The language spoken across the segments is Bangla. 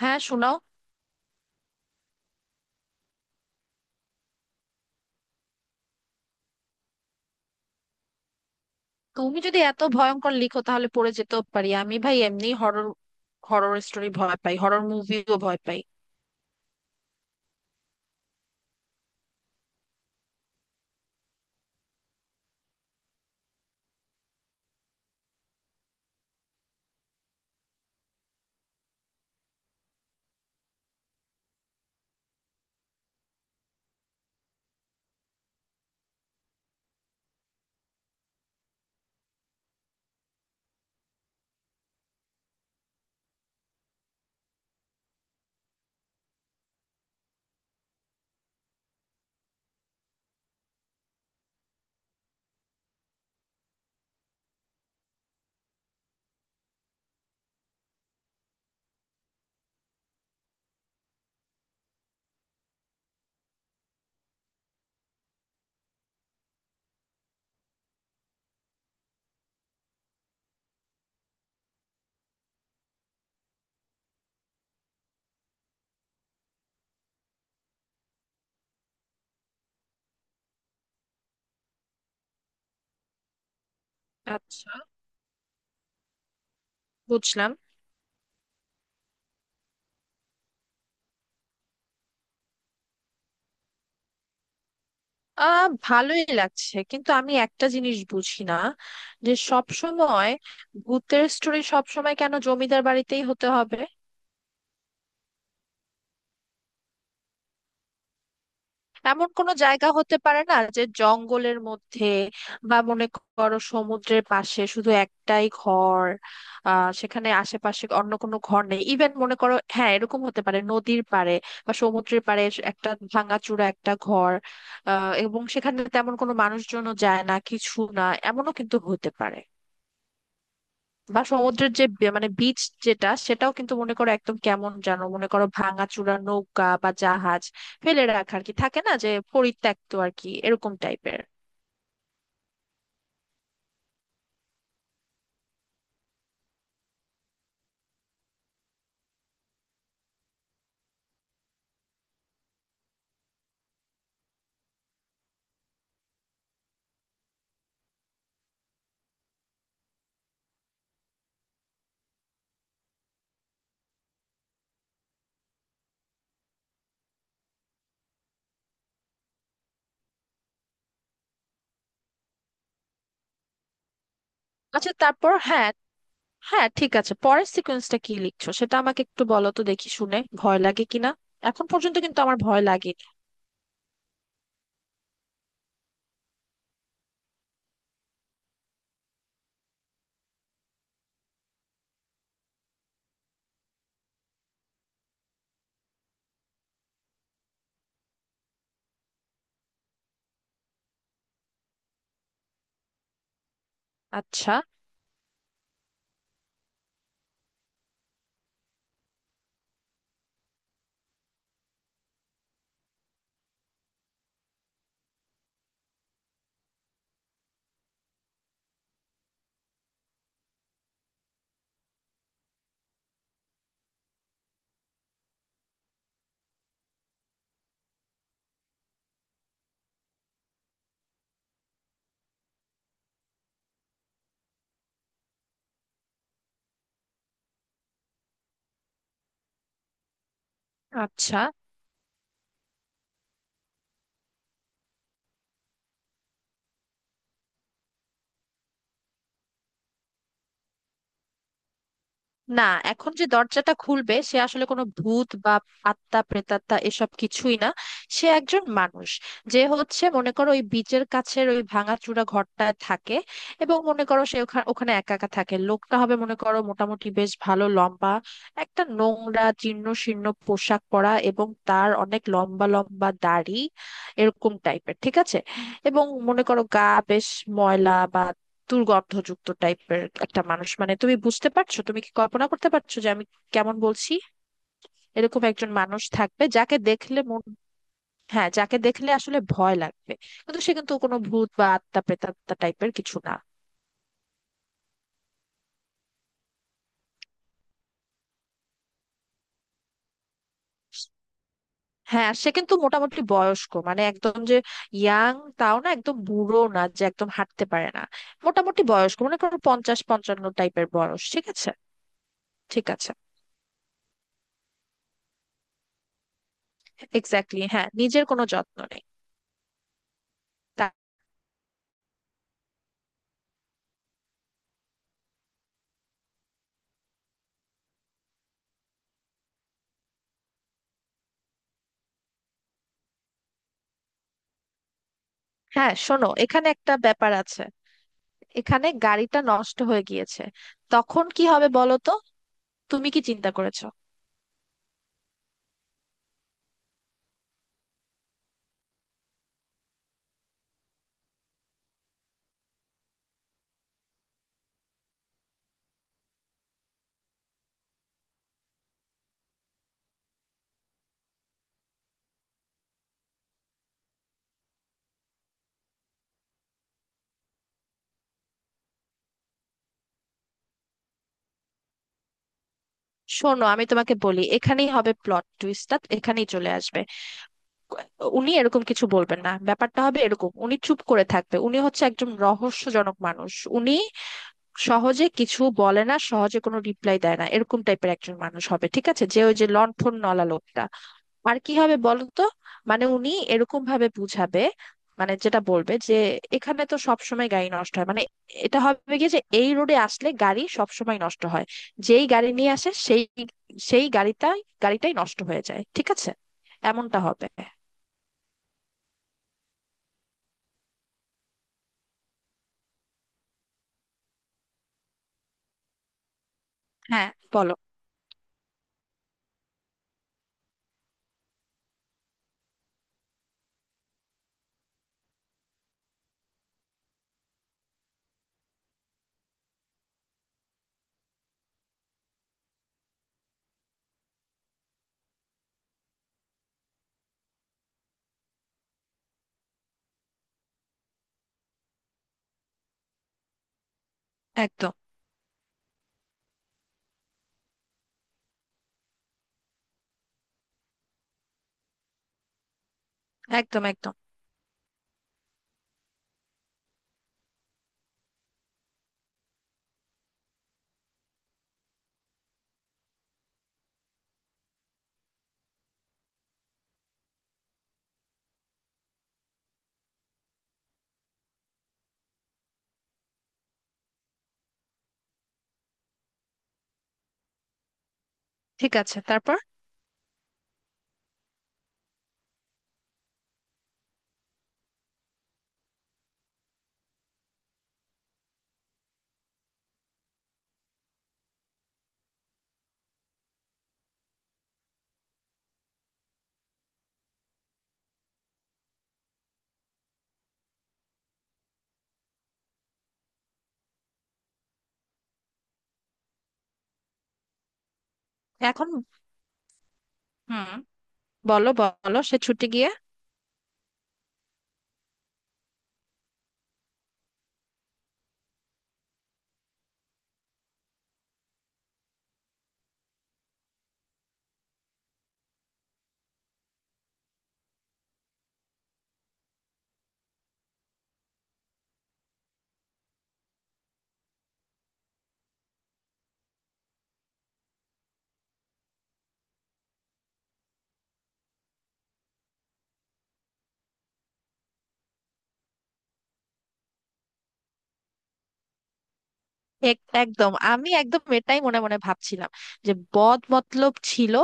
হ্যাঁ, শোনাও। তুমি যদি এত ভয়ঙ্কর লিখো, তাহলে পড়ে যেতেও পারি। আমি ভাই এমনি হরর, হরর স্টোরি ভয় পাই, হরর মুভিও ভয় পাই। আচ্ছা, বুঝলাম। ভালোই লাগছে, কিন্তু আমি একটা জিনিস বুঝি না, যে সব সময় ভূতের স্টোরি সব সময় কেন জমিদার বাড়িতেই হতে হবে? এমন কোনো জায়গা হতে পারে না, যে জঙ্গলের মধ্যে, বা মনে করো সমুদ্রের পাশে শুধু একটাই ঘর? সেখানে আশেপাশে অন্য কোনো ঘর নেই। ইভেন মনে করো হ্যাঁ, এরকম হতে পারে, নদীর পাড়ে বা সমুদ্রের পাড়ে একটা ভাঙাচোরা একটা ঘর। এবং সেখানে তেমন কোনো মানুষজনও যায় না, কিছু না। এমনও কিন্তু হতে পারে, বা সমুদ্রের যে মানে বিচ, যেটা, সেটাও কিন্তু মনে করো একদম কেমন যেন, মনে করো ভাঙাচোরা নৌকা বা জাহাজ ফেলে রাখা, আর কি, থাকে না যে পরিত্যক্ত, আর কি, এরকম টাইপের। আচ্ছা, তারপর? হ্যাঁ, হ্যাঁ, ঠিক আছে, পরের সিকোয়েন্সটা কি লিখছো সেটা আমাকে একটু বলো তো, দেখি শুনে ভয় লাগে কিনা। এখন পর্যন্ত কিন্তু আমার ভয় লাগে। আচ্ছা, আচ্ছা। না, এখন যে দরজাটা খুলবে, সে আসলে কোনো ভূত বা আত্মা, প্রেতাত্মা এসব কিছুই না। সে একজন মানুষ, যে হচ্ছে মনে করো ওই বিচের কাছের ওই ভাঙাচুরা ঘরটায় থাকে। এবং মনে করো সে ওখানে, একা একা থাকে। লোকটা হবে মনে করো মোটামুটি বেশ ভালো লম্বা, একটা নোংরা জীর্ণ শীর্ণ পোশাক পরা, এবং তার অনেক লম্বা লম্বা দাড়ি, এরকম টাইপের, ঠিক আছে? এবং মনে করো গা বেশ ময়লা বা দুর্গন্ধযুক্ত টাইপের একটা মানুষ, মানে তুমি বুঝতে পারছো, তুমি কি কল্পনা করতে পারছো যে আমি কেমন বলছি? এরকম একজন মানুষ থাকবে, যাকে দেখলে মন, হ্যাঁ, যাকে দেখলে আসলে ভয় লাগবে, কিন্তু সে কিন্তু কোনো ভূত বা আত্মা প্রেতাত্মা টাইপের কিছু না। হ্যাঁ, সে কিন্তু মোটামুটি বয়স্ক, মানে একদম যে ইয়াং তাও না, একদম বুড়ো না যে একদম হাঁটতে পারে না, মোটামুটি বয়স্ক, মনে করো পঞ্চাশ পঞ্চান্ন টাইপের বয়স, ঠিক আছে। ঠিক আছে, এক্স্যাক্টলি, হ্যাঁ, নিজের কোনো যত্ন নেই। তা- হ্যাঁ শোনো, এখানে একটা ব্যাপার আছে। এখানে গাড়িটা নষ্ট হয়ে গিয়েছে, তখন কি হবে বলো তো? তুমি কি চিন্তা করেছো? শোনো, আমি তোমাকে বলি, এখানেই হবে প্লট টুইস্টটা, এখানেই চলে আসবে। উনি এরকম কিছু বলবেন না, ব্যাপারটা হবে এরকম, উনি চুপ করে থাকবে। উনি হচ্ছে একজন রহস্যজনক মানুষ, উনি সহজে কিছু বলে না, সহজে কোনো রিপ্লাই দেয় না, এরকম টাইপের একজন মানুষ হবে, ঠিক আছে, যে ওই যে লণ্ঠন নলা লোকটা। আর কি হবে বলো তো? মানে উনি এরকম ভাবে বুঝাবে, মানে যেটা বলবে যে এখানে তো সব সময় গাড়ি নষ্ট হয়, মানে এটা হবে কি যে এই রোডে আসলে গাড়ি সব সময় নষ্ট হয়, যেই গাড়ি নিয়ে আসে, সেই সেই গাড়িটাই গাড়িটাই নষ্ট হয়ে যায়, ঠিক আছে? এমনটা হবে। হ্যাঁ, বলো। একদম, একদম, একদম। ঠিক আছে, তারপর? এখন, হুম, বলো বলো, সে ছুটে গিয়ে। একদম, আমি একদম এটাই মনে মনে ভাবছিলাম, যে বদ মতলব ছিল।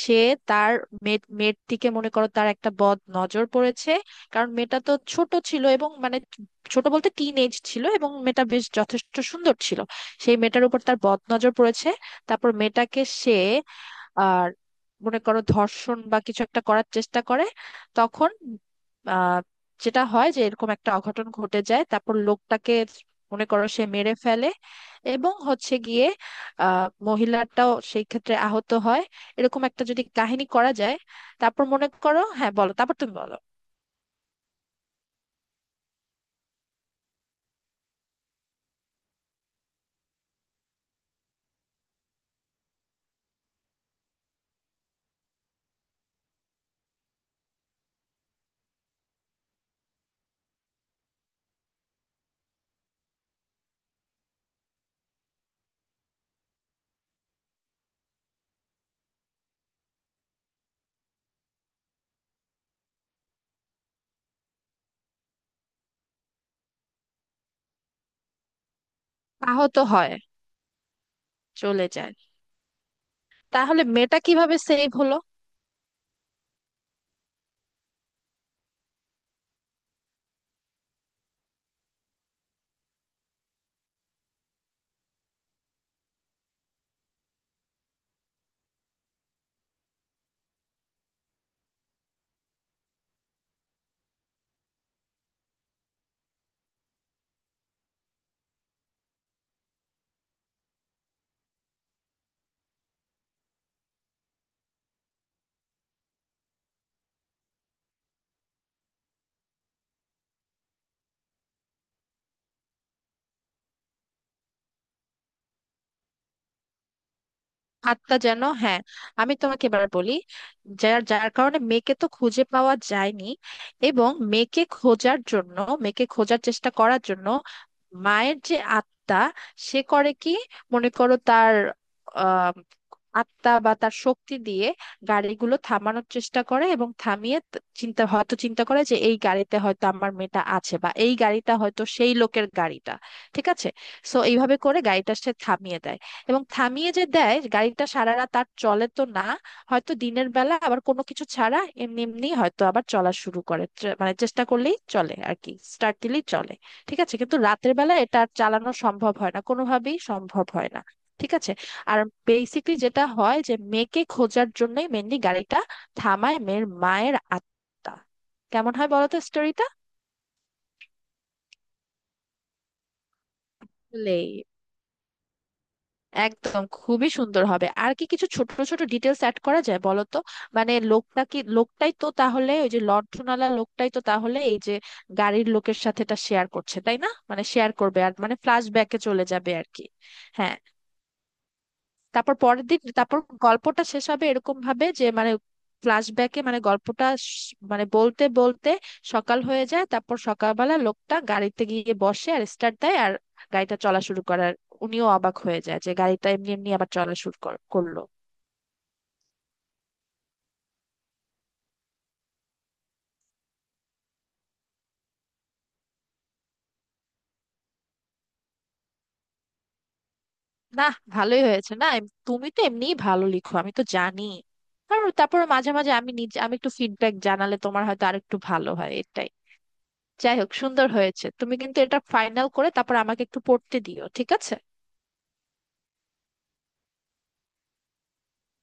সে তার মেয়ের দিকে, মনে করো তার একটা বদ নজর পড়েছে, কারণ মেয়েটা তো ছোট ছিল, এবং মানে ছোট বলতে টিন এজ ছিল, এবং মেয়েটা বেশ যথেষ্ট সুন্দর ছিল, সেই মেয়েটার উপর তার বদ নজর পড়েছে। তারপর মেয়েটাকে সে, আর মনে করো ধর্ষণ বা কিছু একটা করার চেষ্টা করে। তখন আহ যেটা হয়, যে এরকম একটা অঘটন ঘটে যায়, তারপর লোকটাকে মনে করো সে মেরে ফেলে, এবং হচ্ছে গিয়ে মহিলাটাও সেই ক্ষেত্রে আহত হয়। এরকম একটা যদি কাহিনী করা যায়, তারপর মনে করো, হ্যাঁ বলো, তারপর তুমি বলো। আহত হয়, চলে যায়। তাহলে মেয়েটা কিভাবে সেভ হলো? আত্মা যেন, হ্যাঁ। আমি তোমাকে এবার বলি, যার যার কারণে মেয়েকে তো খুঁজে পাওয়া যায়নি, এবং মেয়েকে খোঁজার জন্য, মেয়েকে খোঁজার চেষ্টা করার জন্য মায়ের যে আত্মা, সে করে কি, মনে করো তার আহ আত্মা বা তার শক্তি দিয়ে গাড়িগুলো থামানোর চেষ্টা করে, এবং থামিয়ে চিন্তা, হয়তো চিন্তা করে, যে এই গাড়িতে হয়তো আমার মেয়েটা আছে, বা এই গাড়িটা হয়তো সেই লোকের গাড়িটা। ঠিক আছে, সো এইভাবে করে গাড়িটা সে থামিয়ে দেয়, এবং থামিয়ে যে দেয়, গাড়িটা সারা রাত আর চলে তো না। হয়তো দিনের বেলা আবার কোনো কিছু ছাড়া এমনি এমনি হয়তো আবার চলা শুরু করে, মানে চেষ্টা করলেই চলে আর কি, স্টার্ট দিলেই চলে। ঠিক আছে, কিন্তু রাতের বেলা এটা আর চালানো সম্ভব হয় না, কোনোভাবেই সম্ভব হয় না, ঠিক আছে। আর বেসিকলি যেটা হয়, যে মেয়েকে খোঁজার জন্যই মেনলি গাড়িটা থামায় মেয়ের, মায়ের আত্মা। কেমন হয় বলো তো স্টোরিটা? আসলে একদম খুবই সুন্দর হবে আর কি। কিছু ছোট ছোট ডিটেলস অ্যাড করা যায় বলো তো। মানে লোকটা কি, লোকটাই তো তাহলে, ওই যে লণ্ঠনওয়ালা লোকটাই তো তাহলে এই যে গাড়ির লোকের সাথে এটা শেয়ার করছে, তাই না, মানে শেয়ার করবে, আর মানে ফ্ল্যাশ ব্যাকে চলে যাবে আর কি। হ্যাঁ, তারপর পরের দিন, তারপর গল্পটা শেষ হবে এরকম ভাবে যে, মানে ফ্ল্যাশব্যাকে মানে গল্পটা মানে বলতে বলতে সকাল হয়ে যায়, তারপর সকালবেলা লোকটা গাড়িতে গিয়ে বসে আর স্টার্ট দেয়, আর গাড়িটা চলা শুরু করার, উনিও অবাক হয়ে যায় যে গাড়িটা এমনি এমনি আবার চলা শুরু করলো। না, ভালোই হয়েছে। না তুমি তো এমনিই ভালো লিখো, আমি তো জানি। আর তারপর মাঝে মাঝে আমি নিজে, আমি একটু ফিডব্যাক জানালে তোমার হয়তো আরেকটু ভালো হয়, এটাই। যাই হোক, সুন্দর হয়েছে। তুমি কিন্তু এটা ফাইনাল করে তারপর আমাকে একটু পড়তে দিও, ঠিক আছে।